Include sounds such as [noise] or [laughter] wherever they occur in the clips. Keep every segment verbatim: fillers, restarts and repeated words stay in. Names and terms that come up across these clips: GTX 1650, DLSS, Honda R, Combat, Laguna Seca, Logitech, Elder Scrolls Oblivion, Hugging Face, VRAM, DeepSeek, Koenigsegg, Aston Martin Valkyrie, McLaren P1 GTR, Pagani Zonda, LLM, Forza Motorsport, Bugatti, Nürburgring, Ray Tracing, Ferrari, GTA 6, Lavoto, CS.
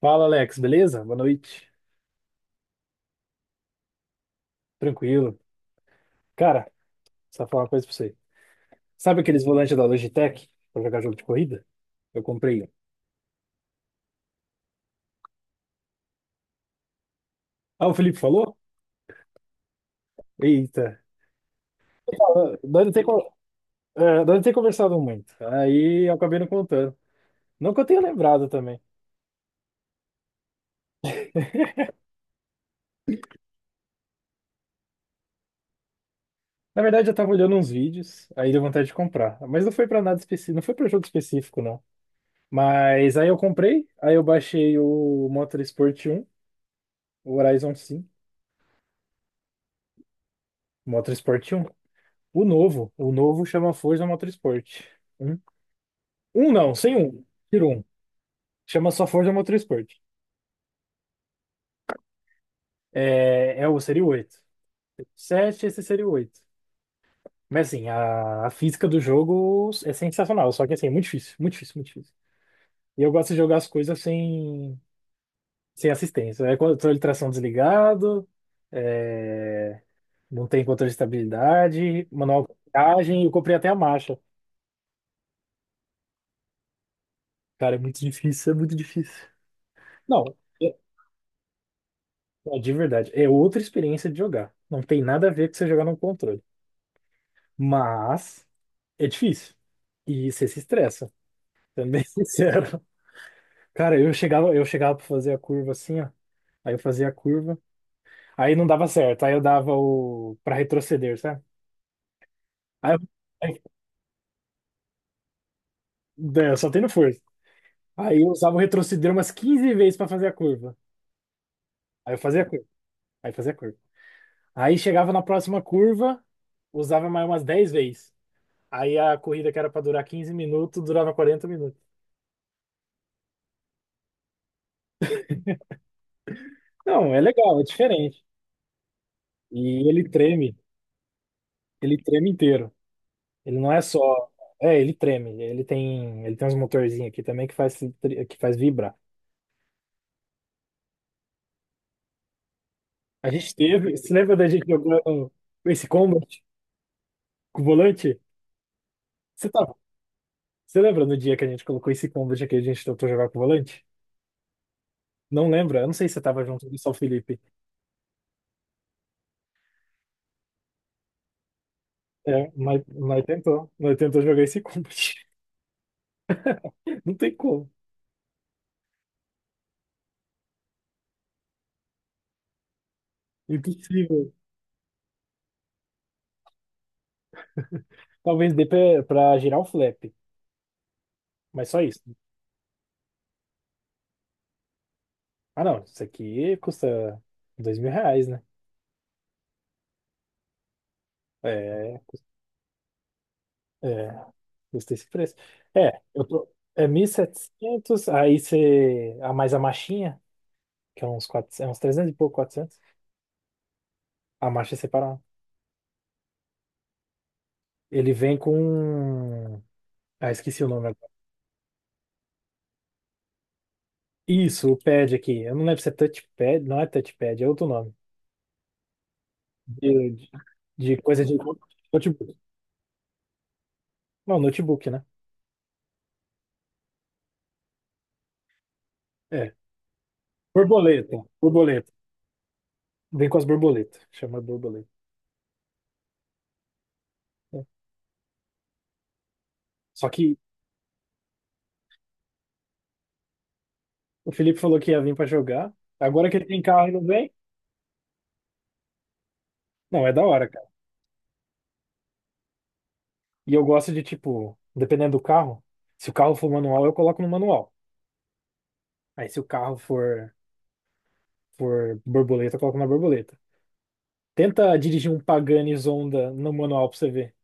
Fala, Alex, beleza? Boa noite. Tranquilo. Cara, só falar uma coisa pra você. Sabe aqueles volantes da Logitech pra jogar jogo de corrida? Eu comprei um. Ah, o Felipe falou? Eita. Ah, Nós não tem, co- é, nós não tem conversado muito. Aí eu acabei não contando. Não que eu tenha lembrado também. Na verdade, eu tava olhando uns vídeos, aí deu vontade de comprar. Mas não foi pra nada específico, não foi pra jogo específico, não. Mas aí eu comprei, aí eu baixei o Motorsport um, o Horizon cinco, Motorsport um. O novo. O novo chama Forza Motorsport. Um, um não, sem um. Tira um. Chama só Forza Motorsport. É, é o seria o oito. sete, esse seria o oito. Mas assim, a, a física do jogo é sensacional. Só que assim, é muito difícil. Muito difícil, muito difícil. E eu gosto de jogar as coisas sem, sem assistência. É controle de tração desligado. é, não tem controle de estabilidade. Manual de viagem. Eu comprei até a marcha. Cara, é muito difícil, é muito difícil. Não. Ó, de verdade, é outra experiência de jogar. Não tem nada a ver com você jogar no controle. Mas é difícil. E você se estressa, sendo bem [laughs] sincero. Cara, eu chegava, eu chegava pra fazer a curva assim, ó. Aí eu fazia a curva. Aí não dava certo. Aí eu dava o. pra retroceder, sabe? Aí eu, aí- é, Só tendo força. Aí eu usava o retroceder umas quinze vezes pra fazer a curva. Aí eu fazia a curva. Aí fazia a curva. Aí chegava na próxima curva, usava mais umas dez vezes. Aí a corrida que era para durar quinze minutos, durava quarenta minutos. Não, é legal, é diferente. E ele treme, ele treme inteiro. Ele não é só. É, ele treme. Ele tem, ele tem uns motorzinhos aqui também que faz, que faz vibrar. A gente teve. Você lembra da gente jogando esse Combat com o volante? Você tava, você lembra no dia que a gente colocou esse Combat aqui, a gente tentou jogar com o volante? Não lembra? Eu não sei se você tava junto do São Felipe. É, mas nós tentou. Nós tentou jogar esse Combat. [laughs] Não tem como. Impossível. Talvez dê pra, pra girar o flap, mas só isso. Ah, não, isso aqui custa dois mil reais, né? É, é, custa esse preço. É, eu tô, é mil e setecentos aí você, a mais a marchinha, que é uns quatrocentos, é uns trezentos e pouco, quatrocentos a marcha é separada. Ele vem com, ah, Esqueci o nome agora. Isso, o pad aqui, eu não lembro se é touchpad, não é touchpad, é outro nome, de, de, de coisa de notebook. Não, notebook, né? É, borboleta, borboleta. Vem com as borboletas, chama borboleta. Né? Só que o Felipe falou que ia vir pra jogar. Agora que ele tem carro e não vem, não, é da hora, cara. E eu gosto de, tipo, dependendo do carro, se o carro for manual, eu coloco no manual. Aí se o carro for, for borboleta, eu coloco na borboleta. Tenta dirigir um Pagani Zonda no manual pra você ver.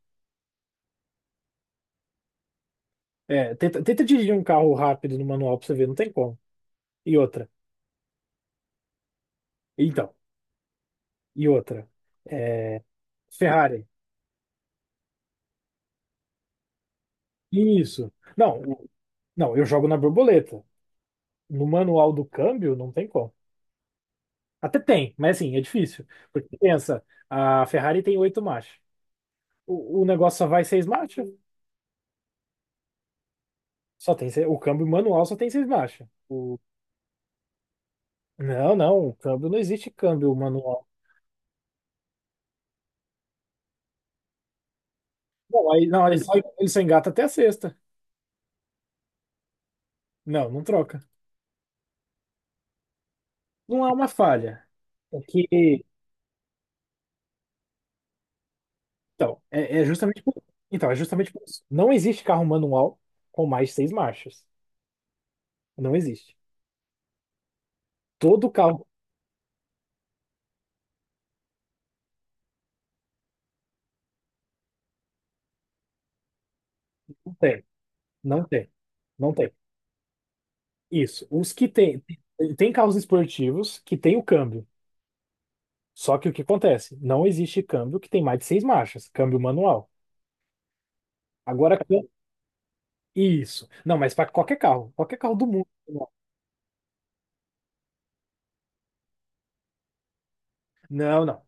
É, tenta, tenta dirigir um carro rápido no manual pra você ver, não tem como. E outra. Então, e outra. É, Ferrari. Isso. Não, o- não, eu jogo na borboleta. No manual do câmbio, não tem como. Até tem, mas assim, é difícil. Porque pensa, a Ferrari tem oito marchas. O, o negócio só vai seis marchas? Só tem, se- o câmbio manual só tem seis marchas. O, não, não, o câmbio não existe câmbio manual. Não, aí, não, ele só, ele só engata até a sexta. Não, não troca. Não é uma falha. É que, então, é, é justamente por, então, é justamente por isso. Não existe carro manual com mais de seis marchas. Não existe. Todo carro não tem. Não tem. Não tem. Isso. Os que tem, tem carros esportivos que tem o câmbio. Só que o que acontece? Não existe câmbio que tem mais de seis marchas, câmbio manual. Agora, cã- isso. Não, mas para qualquer carro, qualquer carro do mundo. Não, não.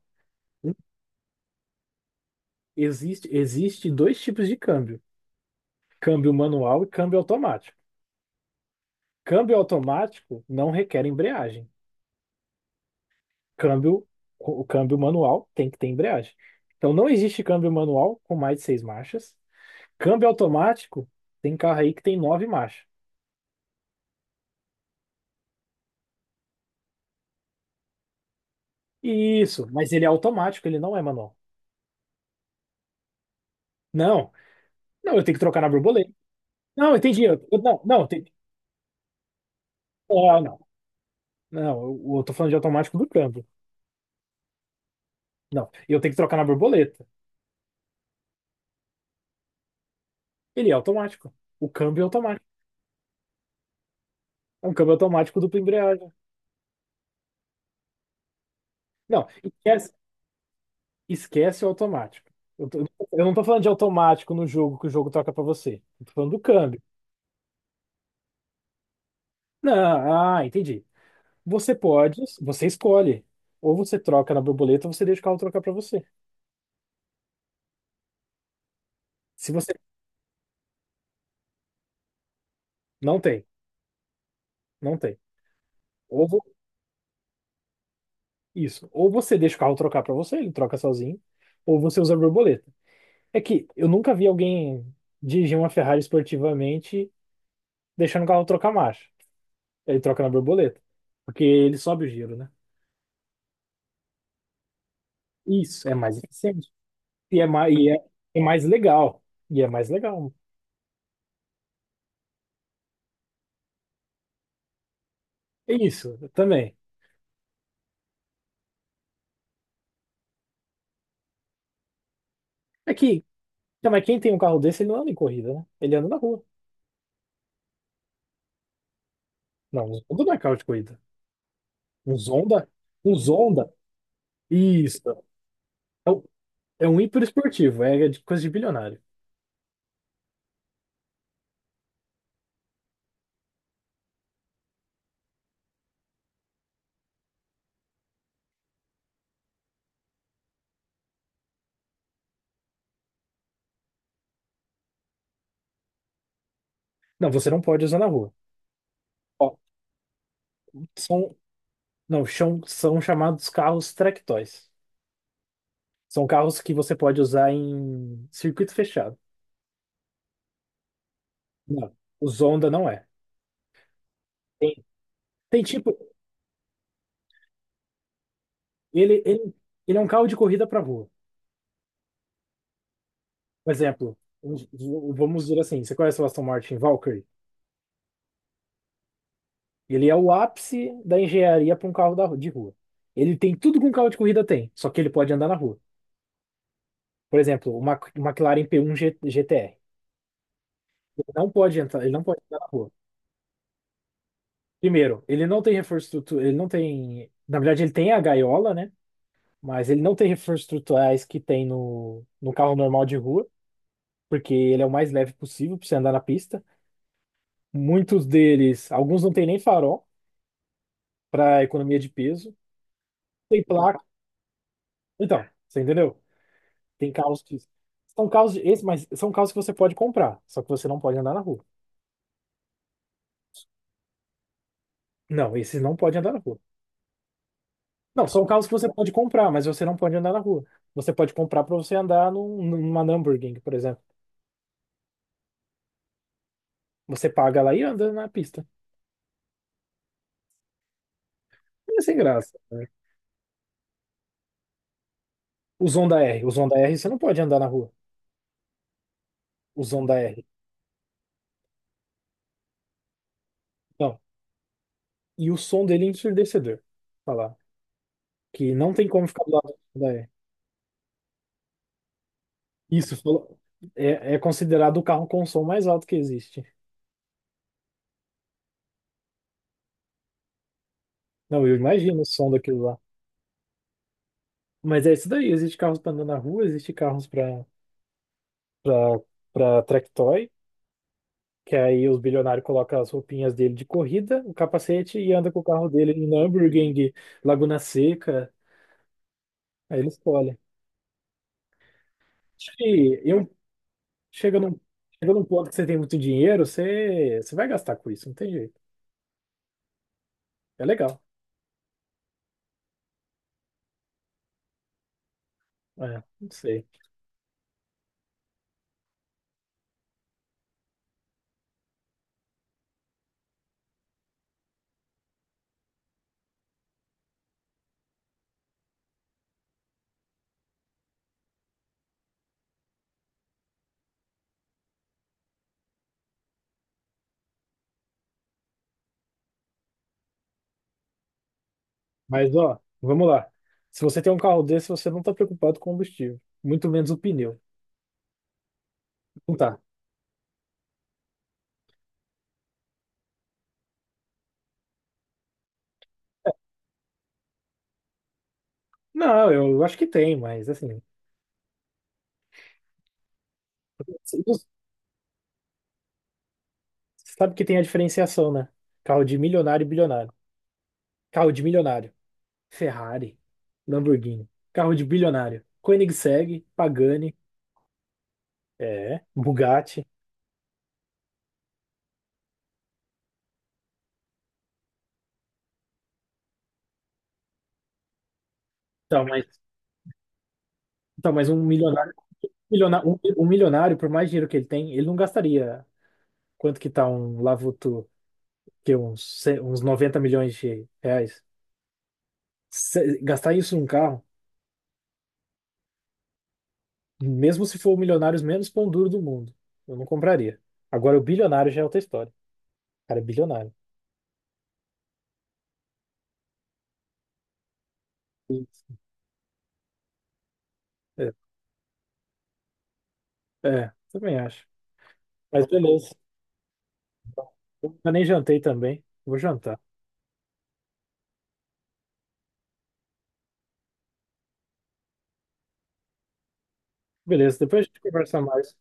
Existe, existe dois tipos de câmbio: câmbio manual e câmbio automático. Câmbio automático não requer embreagem. Câmbio, o câmbio manual tem que ter embreagem. Então não existe câmbio manual com mais de seis marchas. Câmbio automático tem carro aí que tem nove marchas. Isso, mas ele é automático, ele não é manual. Não, não, eu tenho que trocar na borboleta. Não, eu entendi. Eu, eu- não, não, tem, ah, não, não, eu, eu tô falando de automático do câmbio. Não, eu tenho que trocar na borboleta. Ele é automático. O câmbio é automático. É um câmbio automático dupla embreagem. Não, esquece, esquece o automático. Eu, tô- eu não tô falando de automático no jogo que o jogo troca pra você. Eu tô falando do câmbio. Não, ah, entendi. Você pode, você escolhe. Ou você troca na borboleta ou você deixa o carro trocar pra você. Se você não tem. Não tem. Ou vo- isso. Ou você deixa o carro trocar pra você, ele troca sozinho, ou você usa a borboleta. É que eu nunca vi alguém dirigir uma Ferrari esportivamente deixando o carro trocar marcha. Ele troca na borboleta, porque ele sobe o giro, né? Isso, é mais eficiente. E é mais, e é, É mais legal. E é mais legal. É isso, também. É que, tá, mas quem tem um carro desse, ele não anda em corrida, né? Ele anda na rua. Não, um Zonda não é carro de corrida. Um Zonda, um Zonda, isso. Então, é um hiperesportivo, é de coisa de bilionário. Não, você não pode usar na rua. Ó, são, não, chão- são chamados carros track toys. São carros que você pode usar em circuito fechado. Não, o Zonda não é. Tem, tem tipo, ele, ele, ele é um carro de corrida para rua. Por exemplo, um- v- vamos dizer assim, você conhece o Aston Martin Valkyrie? Ele é o ápice da engenharia para um carro da, de rua. Ele tem tudo que um carro de corrida tem, só que ele pode andar na rua. Por exemplo, o Mac- o McLaren P um G- GTR. Ele não pode entrar, ele não pode entrar na rua. Primeiro, ele não tem reforço estrutural, ele não tem, na verdade ele tem a gaiola, né? Mas ele não tem reforços estruturais que tem no, no carro normal de rua, porque ele é o mais leve possível para você andar na pista. Muitos deles, alguns não tem nem farol para economia de peso, tem placa. Então, você entendeu? Tem carros que são carros de, esse, mas são carros que você pode comprar, só que você não pode andar na rua. Não, esses não podem andar na rua. Não, são carros que você pode comprar, mas você não pode andar na rua. Você pode comprar para você andar num, numa Nürburgring, por exemplo. Você paga lá e anda na pista. É sem graça, né? Os Honda R. Os Honda R você não pode andar na rua. Os Honda R. Não. E o som dele é ensurdecedor. Falar. Que não tem como ficar do lado do Honda R. Isso falou- é, é considerado o carro com som mais alto que existe. Não, eu imagino o som daquilo lá. Mas é isso daí. Existe carros para andar na rua, existe carros para para para track. Que aí os bilionários colocam as roupinhas dele de corrida, o capacete e anda com o carro dele em Nürburgring, Laguna Seca. Aí ele escolhe. Acho que eu chega num, chega num ponto que você tem muito dinheiro, você, você vai gastar com isso, não tem jeito. É legal. É, não sei. Mas ó, vamos lá. Se você tem um carro desse, você não está preocupado com o combustível, muito menos o pneu. Não tá. Não, eu acho que tem, mas assim, você sabe que tem a diferenciação, né? Carro de milionário e bilionário. Carro de milionário. Ferrari, Lamborghini, carro de bilionário, Koenigsegg, Pagani, é, Bugatti. Então, mas, então, mas um milionário, um milionário, um, um milionário, por mais dinheiro que ele tem, ele não gastaria quanto que tá um Lavoto, que é uns, ce- uns noventa milhões de reais. Se- gastar isso num carro, mesmo se for o milionário menos pão duro do mundo, eu não compraria. Agora, o bilionário já é outra história. O cara é bilionário. É, é, também acho. Mas beleza. Eu nem jantei também. Vou jantar. Beleza, depois a gente conversa mais.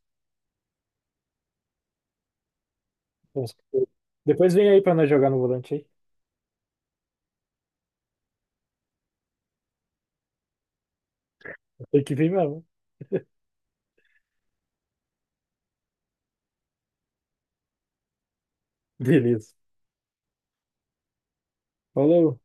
Depois vem aí pra nós jogar no volante aí. Tem que vir mesmo. Beleza. Falou.